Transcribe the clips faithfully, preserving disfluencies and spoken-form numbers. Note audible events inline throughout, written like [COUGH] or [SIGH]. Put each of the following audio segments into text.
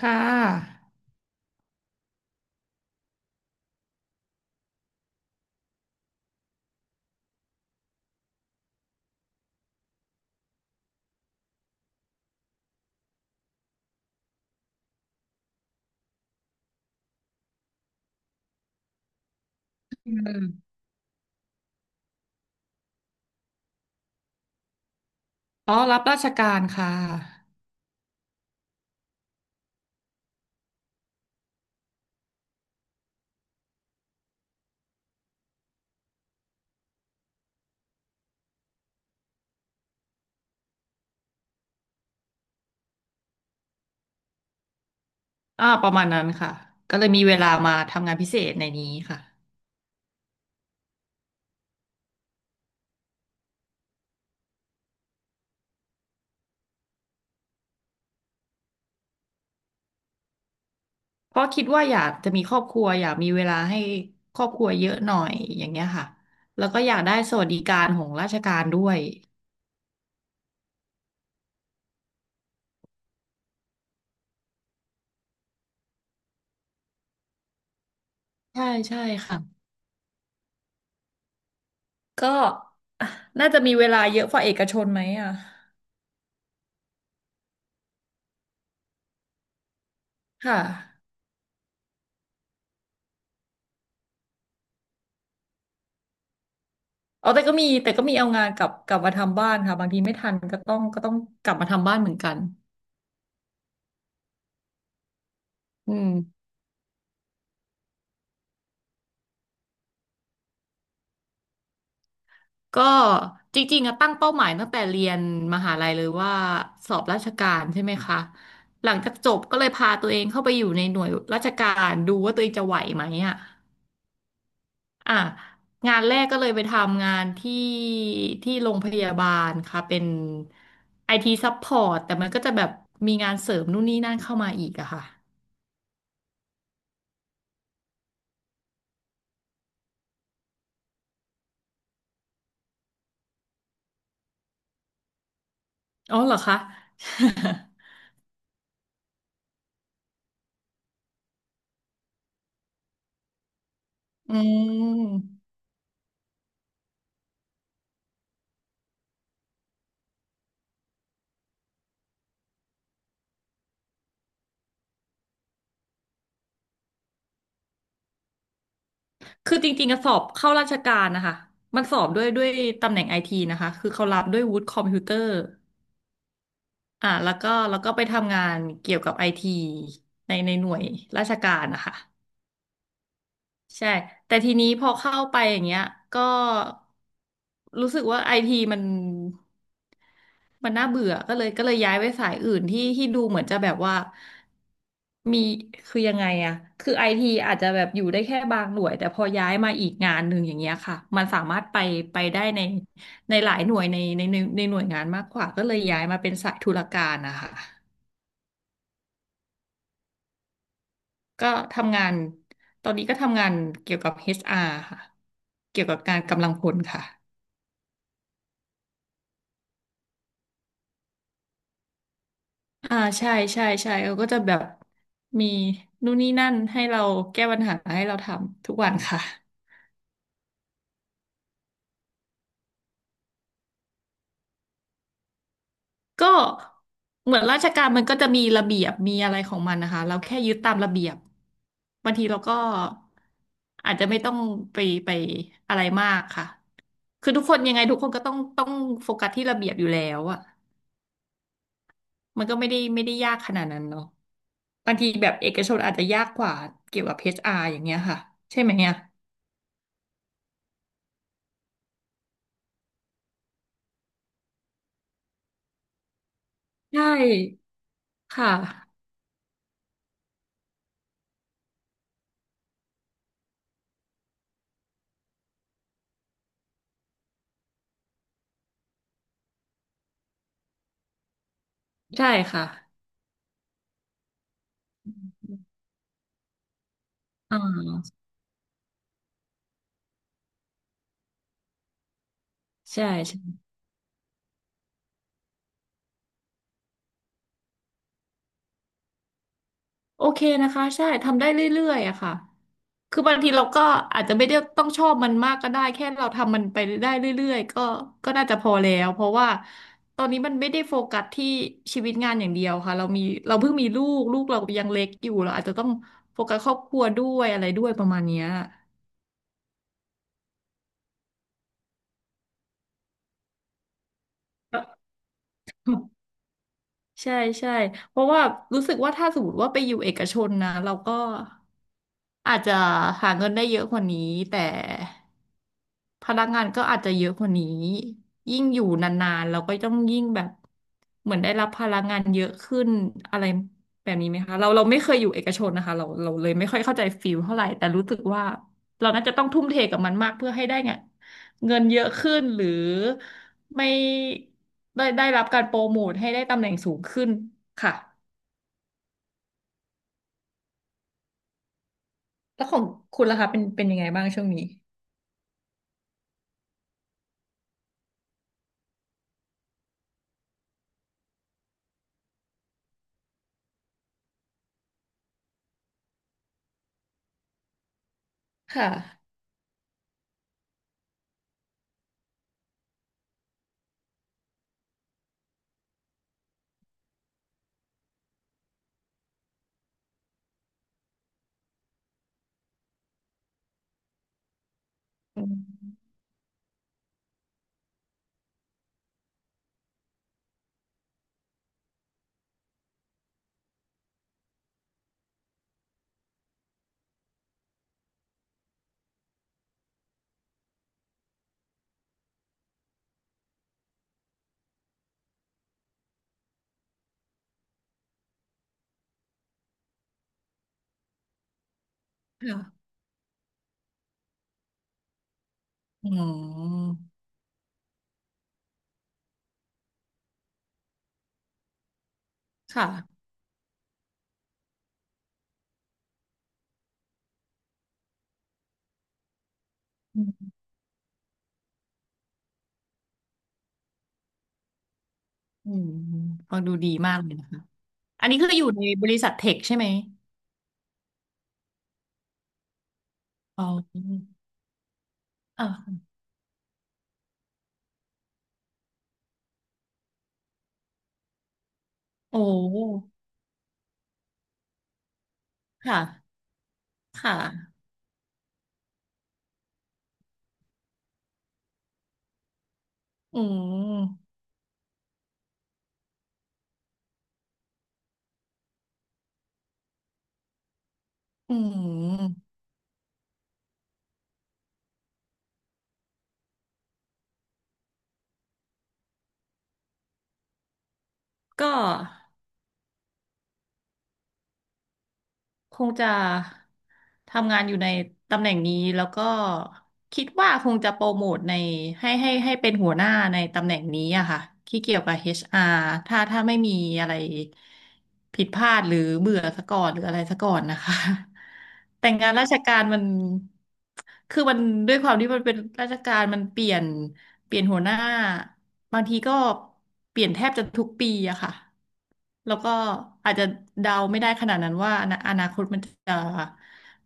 ค่ะอ๋อรับราชการค่ะอ่าประมาณนั้นค่ะ ก็เลยมีเวลามาทำงานพิเศษในนี้ค่ะ เพราะคิดว่าอยากจะมีครอบครัวอยากมีเวลาให้ครอบครัวเยอะหน่อยอย่างเงี้ยค่ะ แล้วก็อยากได้สวัสดิการของราชการด้วย ใช่ใช่ค่ะก็อ่ะน่าจะมีเวลาเยอะกว่าเอกชนไหมอ่ะค่ะเอาแต่ก็มีแต่ก็มีเอางานกลับกลับมาทำบ้านค่ะบางทีไม่ทันก็ต้องก็ต้องกลับมาทำบ้านเหมือนกันอืม ก็จริงๆอะตั้งเป้าหมายตั้งแต่เรียนมหาลัยเลยว่าสอบราชการใช่ไหมคะหลังจากจบก็เลยพาตัวเองเข้าไปอยู่ในหน่วยราชการดูว่าตัวเองจะไหวไหมอ่ะอ่ะงานแรกก็เลยไปทำงานที่ที่โรงพยาบาลค่ะเป็นไอทีซัพพอร์ตแต่มันก็จะแบบมีงานเสริมนู่นนี่นั่นเข้ามาอีกอะค่ะอ๋อเหรอคะ [LAUGHS] อืม คือจริงๆอะสอบเข้าราชการนะคะ มันสอบด้วยด้วยตำแหน่งไอทีนะคะ คือเขารับด้วยวุฒิคอมพิวเตอร์อ่าแล้วก็แล้วก็ไปทำงานเกี่ยวกับไอทีในในหน่วยราชการนะคะ ใช่ แต่ทีนี้พอเข้าไปอย่างเงี้ยก็รู้สึกว่าไอทีมัน มันน่าเบื่อก็เลยก็เลยย้ายไปสายอื่นที่ที่ดูเหมือนจะแบบว่ามีคือยังไงอะ คือไอทีอาจจะแบบอยู่ได้แค่บางหน่วยแต่พอย้ายมาอีกงานหนึ่งอย่างเงี้ยค่ะ มันสามารถไปไปได้ในในหลายหน่วยในในในในหน่วยงานมากกว่าก็เลยย้ายมาเป็นสายธุรการนะคะก็ทำงานตอนนี้ก็ทำงานเกี่ยวกับ เอช อาร์ ค่ะเกี่ยวกับการกำลังพลค่ะ อ่าใช่ใช่ใช่เขาก็จะแบบมีนู่นนี่นั่นให้เราแก้ปัญหาให้เราทำทุกวันค่ะ [LAUGHS] ก็เหมือนราชการมันก็จะมีระเบียบมีอะไรของมันนะคะเราแค่ยึดตามระเบียบบางทีเราก็อาจจะไม่ต้องไปไปอะไรมากค่ะคือทุกคนยังไงทุกคนก็ต้องต้องโฟกัสที่ระเบียบอยู่แล้วอะมันก็ไม่ได้ไม่ได้ยากขนาดนั้นเนาะบางทีแบบเอกชนอาจจะยากกว่าเกี่ยวกับ เอช อาร์ อชอาร์อย่างเงี้ยค่ะใช่ไหมเนี่ยใช่ค่ะ ใช่ค่ะอ่าใช่ใช่โอเคนะคะใช่ทำได้เรื่อยๆอะค่ะคือบางทีเราก็อาจจะไม่ได้ต้องชอบมันมากก็ได้แค่เราทำมันไปได้เรื่อยๆก็ก็น่าจะพอแล้วเพราะว่าตอนนี้มันไม่ได้โฟกัสที่ชีวิตงานอย่างเดียวค่ะเรามีเราเพิ่งมีลูกลูกเรายังเล็กอยู่เราอาจจะต้องโฟกัสครอบครัวด้วยอะไรด้วยประมาณเนี้ย ใช่ใช่เพราะว่ารู้สึกว่าถ้าสมมติว่าไปอยู่เอกชนนะเราก็อาจจะหาเงินได้เยอะกว่านี้แต่ พนักงานก็อาจจะเยอะกว่านี้ยิ่งอยู่นานๆเราก็ต้องยิ่งแบบเหมือนได้รับพลังงานเยอะขึ้นอะไรแบบนี้ไหมคะเราเราไม่เคยอยู่เอกชนนะคะเราเราเลยไม่ค่อยเข้าใจฟิลเท่าไหร่แต่รู้สึกว่าเราน่าจะต้องทุ่มเทกับมันมากเพื่อให้ได้เงเงินเยอะขึ้นหรือไม่ได้ได้รับการโปรโมทให้ได้ตำแหน่งสูงขึ้นค่ะแล้วของคุณล่ะคะเป็นเป็นยังไงบ้างช่วงนี้ค่ะอืมค่ะอืมค่ะ อืมฟังดูดีมากเลยนะคะ อันนี้คืออยู่ในบริษัทเทคใช่ไหมอ๋ออ่ะโอ้ค่ะ ค่ะอืมอืมก็ คงจะทำงานอยู่ในตำแหน่งนี้แล้วก็คิดว่าคงจะโปรโมทในให้ให้ให้เป็นหัวหน้าในตำแหน่งนี้อะค่ะที่เกี่ยวกับ เอช อาร์ ถ้าถ้าไม่มีอะไรผิดพลาดหรือเบื่อซะก่อนหรืออะไรซะก่อนนะคะ [LAUGHS] แต่งานราชการมันคือมันด้วยความที่มันเป็นราชการมันเปลี่ยนเปลี่ยนหัวหน้าบางทีก็เปลี่ยนแทบจะทุกปีอะค่ะ แล้วก็อาจจะเดาไม่ได้ขนาดนั้นว่าอนาอนาคตมันจะ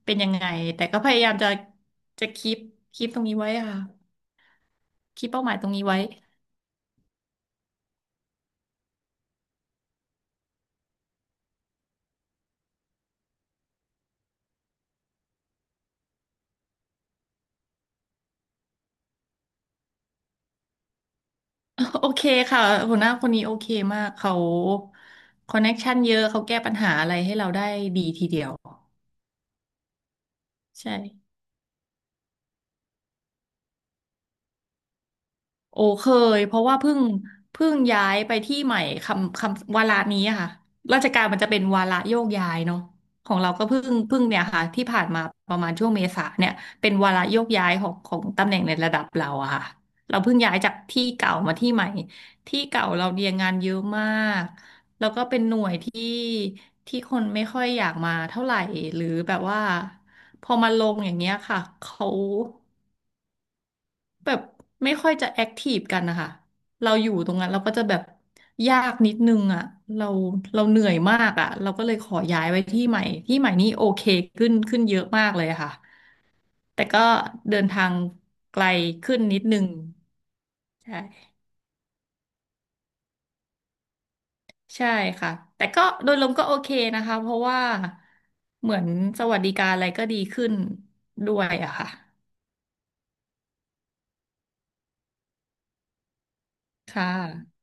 เป็นยังไงแต่ก็พยายามจะจะคีปคีปตรงนี้ไว้ค่ะคีปเป้าหมายตรงนี้ไว้ [LAUGHS] โอเคค่ะหัวหน้าคนนี้โอเคมากเขาคอนเน็กชันเยอะเขาแก้ปัญหาอะไรให้เราได้ดีทีเดียวใช่ โอ้เคยเพราะว่าเพิ่งเพิ่งย้ายไปที่ใหม่คำคำวาระนี้อะค่ะราชการมันจะเป็นวาระโยกย้ายเนาะของเราก็เพิ่งเพิ่งเนี่ยค่ะที่ผ่านมาประมาณช่วงเมษาเนี่ยเป็นวาระโยกย้ายของของตำแหน่งในระดับเราอะค่ะเราเพิ่งย้ายจากที่เก่ามาที่ใหม่ที่เก่าเราเรียนงานเยอะมากแล้วก็เป็นหน่วยที่ที่คนไม่ค่อยอยากมาเท่าไหร่หรือแบบว่าพอมาลงอย่างเงี้ยค่ะเขา แบบไม่ค่อยจะแอคทีฟกันนะคะ เราอยู่ตรงนั้นเราก็จะแบบยากนิดนึงอ่ะเราเราเหนื่อยมากอ่ะเราก็เลยขอย้ายไว้ที่ใหม่ที่ใหม่นี่โอเคขึ้นขึ้นเยอะมากเลยค่ะแต่ก็เดินทางไกลขึ้นนิดนึงใช่ใช่ค่ะแต่ก็โดยรวมก็โอเคนะคะเพราะว่าเหมือนสวัสดิการอะไรก็ดีขึ้นด้วยอะค่ะค่ะ